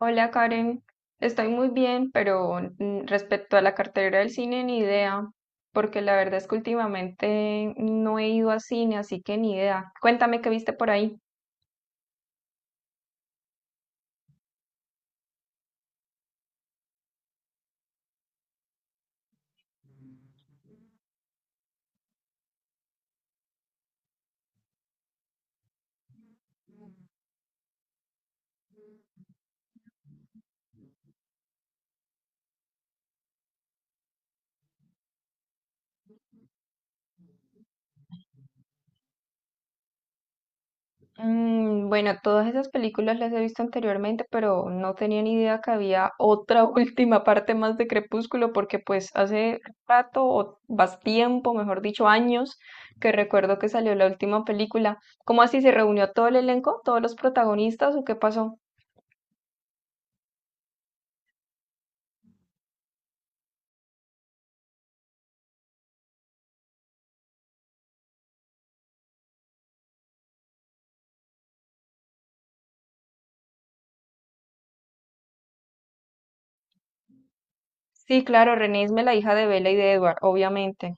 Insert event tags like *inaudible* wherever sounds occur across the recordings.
Hola Karen, estoy muy bien, pero respecto a la cartera del cine, ni idea, porque la verdad es que últimamente no he ido a cine, así que ni idea. Cuéntame qué viste por ahí. Mm, bueno, todas esas películas las he visto anteriormente, pero no tenía ni idea que había otra *laughs* última parte más de Crepúsculo, porque pues hace rato, o más tiempo, mejor dicho, años, que recuerdo que salió la última película. ¿Cómo así se reunió todo el elenco, todos los protagonistas o qué pasó? Sí, claro, Renée es la hija de Bella y de Edward, obviamente.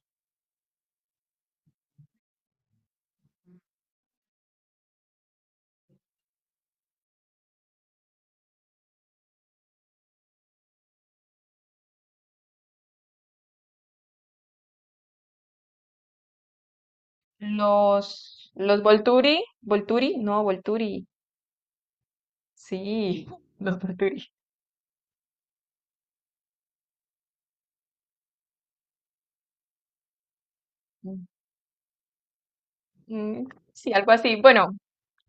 Los Volturi, Volturi, no, Volturi, sí, *laughs* los Volturi. Mm. Sí, algo así. Bueno,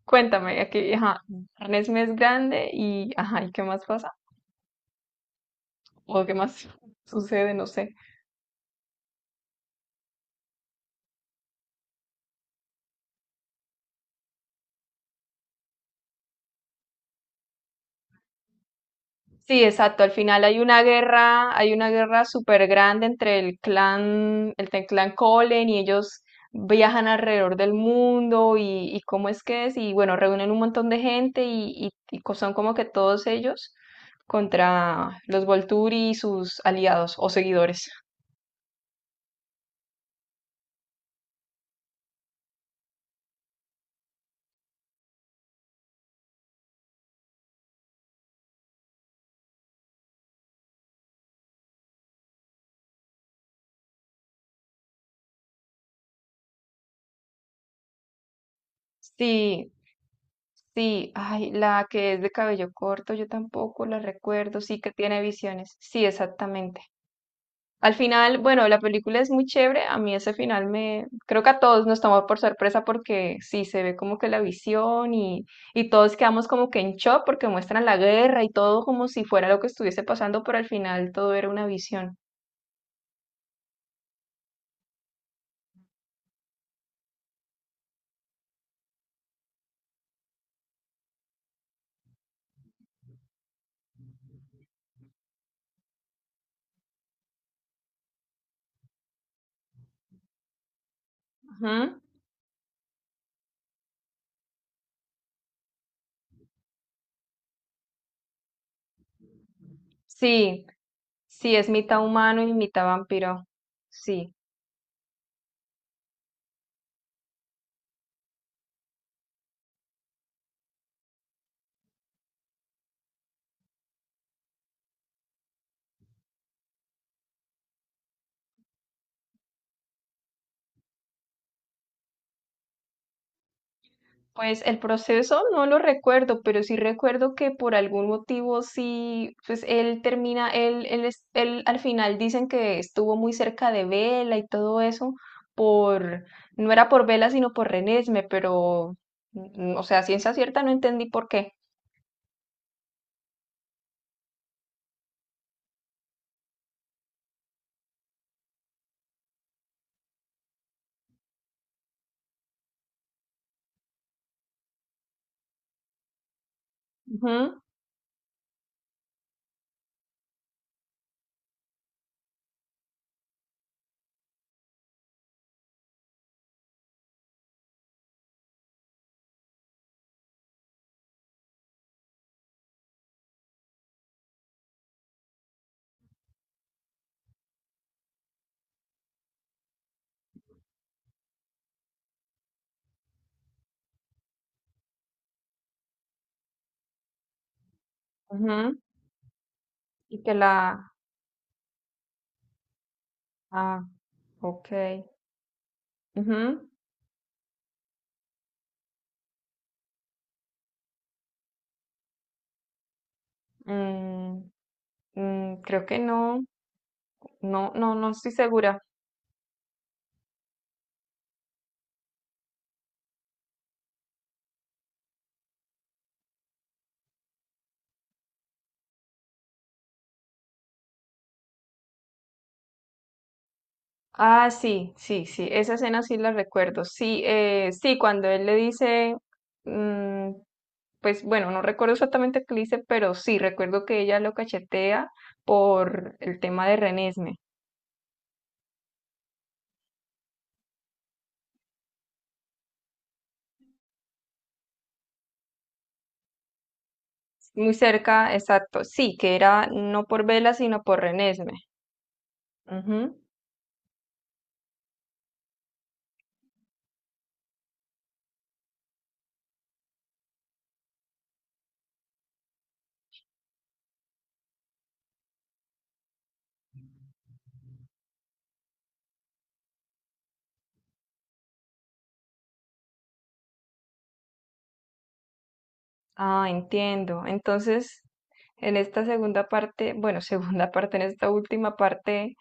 cuéntame, aquí, ajá, Renesme es grande y, ajá, ¿y qué más pasa? ¿O qué más *laughs* sucede? No sé. Sí, exacto. Al final hay una guerra súper grande entre el clan, clan Colen y ellos viajan alrededor del mundo y cómo es que es, y bueno, reúnen un montón de gente y, son como que todos ellos contra los Volturi y sus aliados o seguidores. Sí, sí, ay, la que es de cabello corto, yo tampoco la recuerdo, sí que tiene visiones. Sí, exactamente. Al final, bueno, la película es muy chévere. A mí ese final me, creo que a todos nos tomó por sorpresa porque sí, se ve como que la visión y todos quedamos como que en shock porque muestran la guerra y todo como si fuera lo que estuviese pasando, pero al final todo era una visión. Ujú. Sí, sí, es mitad humano y mitad vampiro. Sí. Pues el proceso no lo recuerdo, pero sí recuerdo que por algún motivo sí, pues él termina, él al final dicen que estuvo muy cerca de Vela y todo eso, por, no era por Vela sino por Renesme, pero, o sea, a ciencia cierta no entendí por qué. Ujú, ujú. Y que la, ah, ok, ujú, mm, creo que no, no, no, no estoy segura. Ah, sí, sí, sí, esa escena sí la recuerdo. Sí, sí, cuando él le dice, mm, pues bueno, no recuerdo exactamente qué le dice, pero sí, recuerdo que ella lo cachetea por el tema de Renesme. Muy cerca, exacto, sí, que era no por Vela, sino por Renesme. Ujú. Ah, entiendo. Entonces, en esta segunda parte, bueno, *laughs* segunda parte, en esta última parte.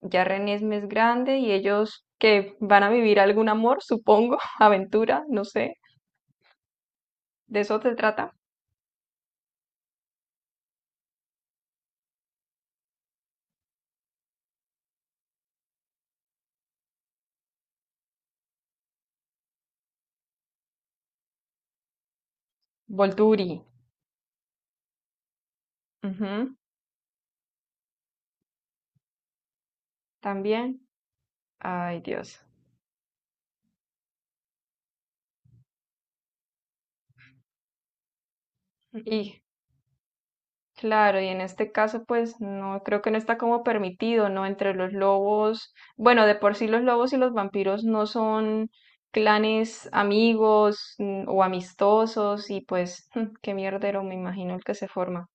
Ya René es más grande y ellos que van a vivir algún amor, supongo, *laughs* aventura, no sé. De eso se trata. Volturi. Ujú. También. Ay, Dios. Y claro, y en este caso, pues no creo que no está como permitido, ¿no? Entre los lobos. Bueno, de por sí los lobos y los vampiros no son clanes amigos, o amistosos y pues *laughs* qué mierdero me imagino el que se forma.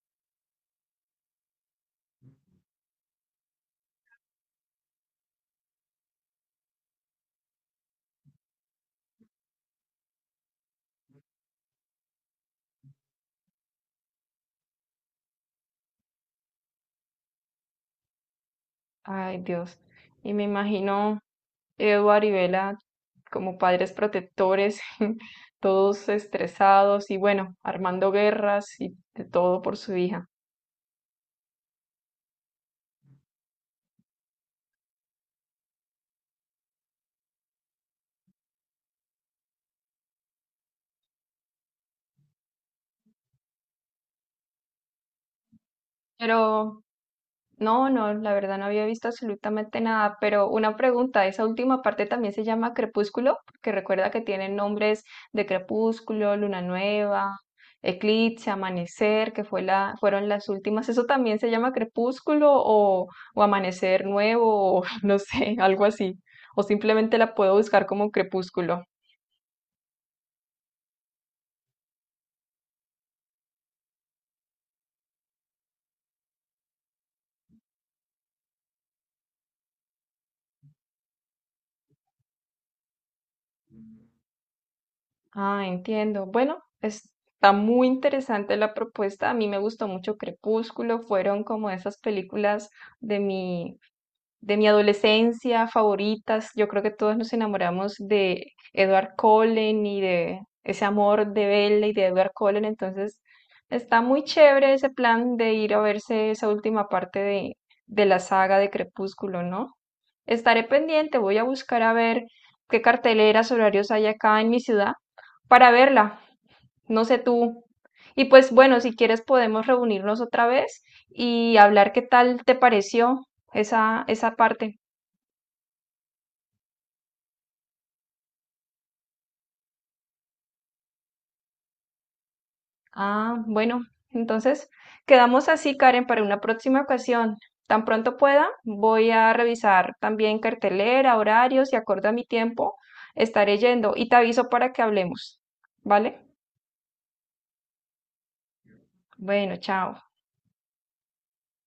Ay, Dios. Y me imagino. Edward y Bella como padres protectores, *laughs* todos estresados y bueno, armando guerras y de todo por su hija. Pero No, no, la verdad no había visto absolutamente nada, pero una pregunta, ¿esa última parte también se llama crepúsculo? Porque recuerda que tienen nombres de crepúsculo, luna nueva, eclipse, amanecer, que fue la, fueron las últimas. ¿Eso también se llama crepúsculo o amanecer nuevo o *laughs* no sé, algo así? O simplemente la puedo buscar como crepúsculo. Ah, entiendo. Bueno, está muy interesante la propuesta. A mí me gustó mucho Crepúsculo. Fueron como esas películas de mi de mi adolescencia favoritas. Yo creo que todos nos enamoramos de Edward Cullen y de ese amor de Bella y de Edward Cullen. Entonces, está muy chévere ese plan de ir a verse esa última parte de la saga de Crepúsculo, ¿no? Estaré pendiente, voy a buscar a ver qué carteleras, horarios hay acá en mi ciudad para verla. No sé tú. Y pues bueno, si quieres podemos reunirnos otra vez y hablar qué tal te pareció esa, esa parte. Ah, bueno, entonces quedamos así, Karen, para una próxima ocasión. Tan pronto pueda, voy a revisar también cartelera, horarios y acorde a mi tiempo, estaré yendo y te aviso para que hablemos. ¿Vale? Bueno, chao.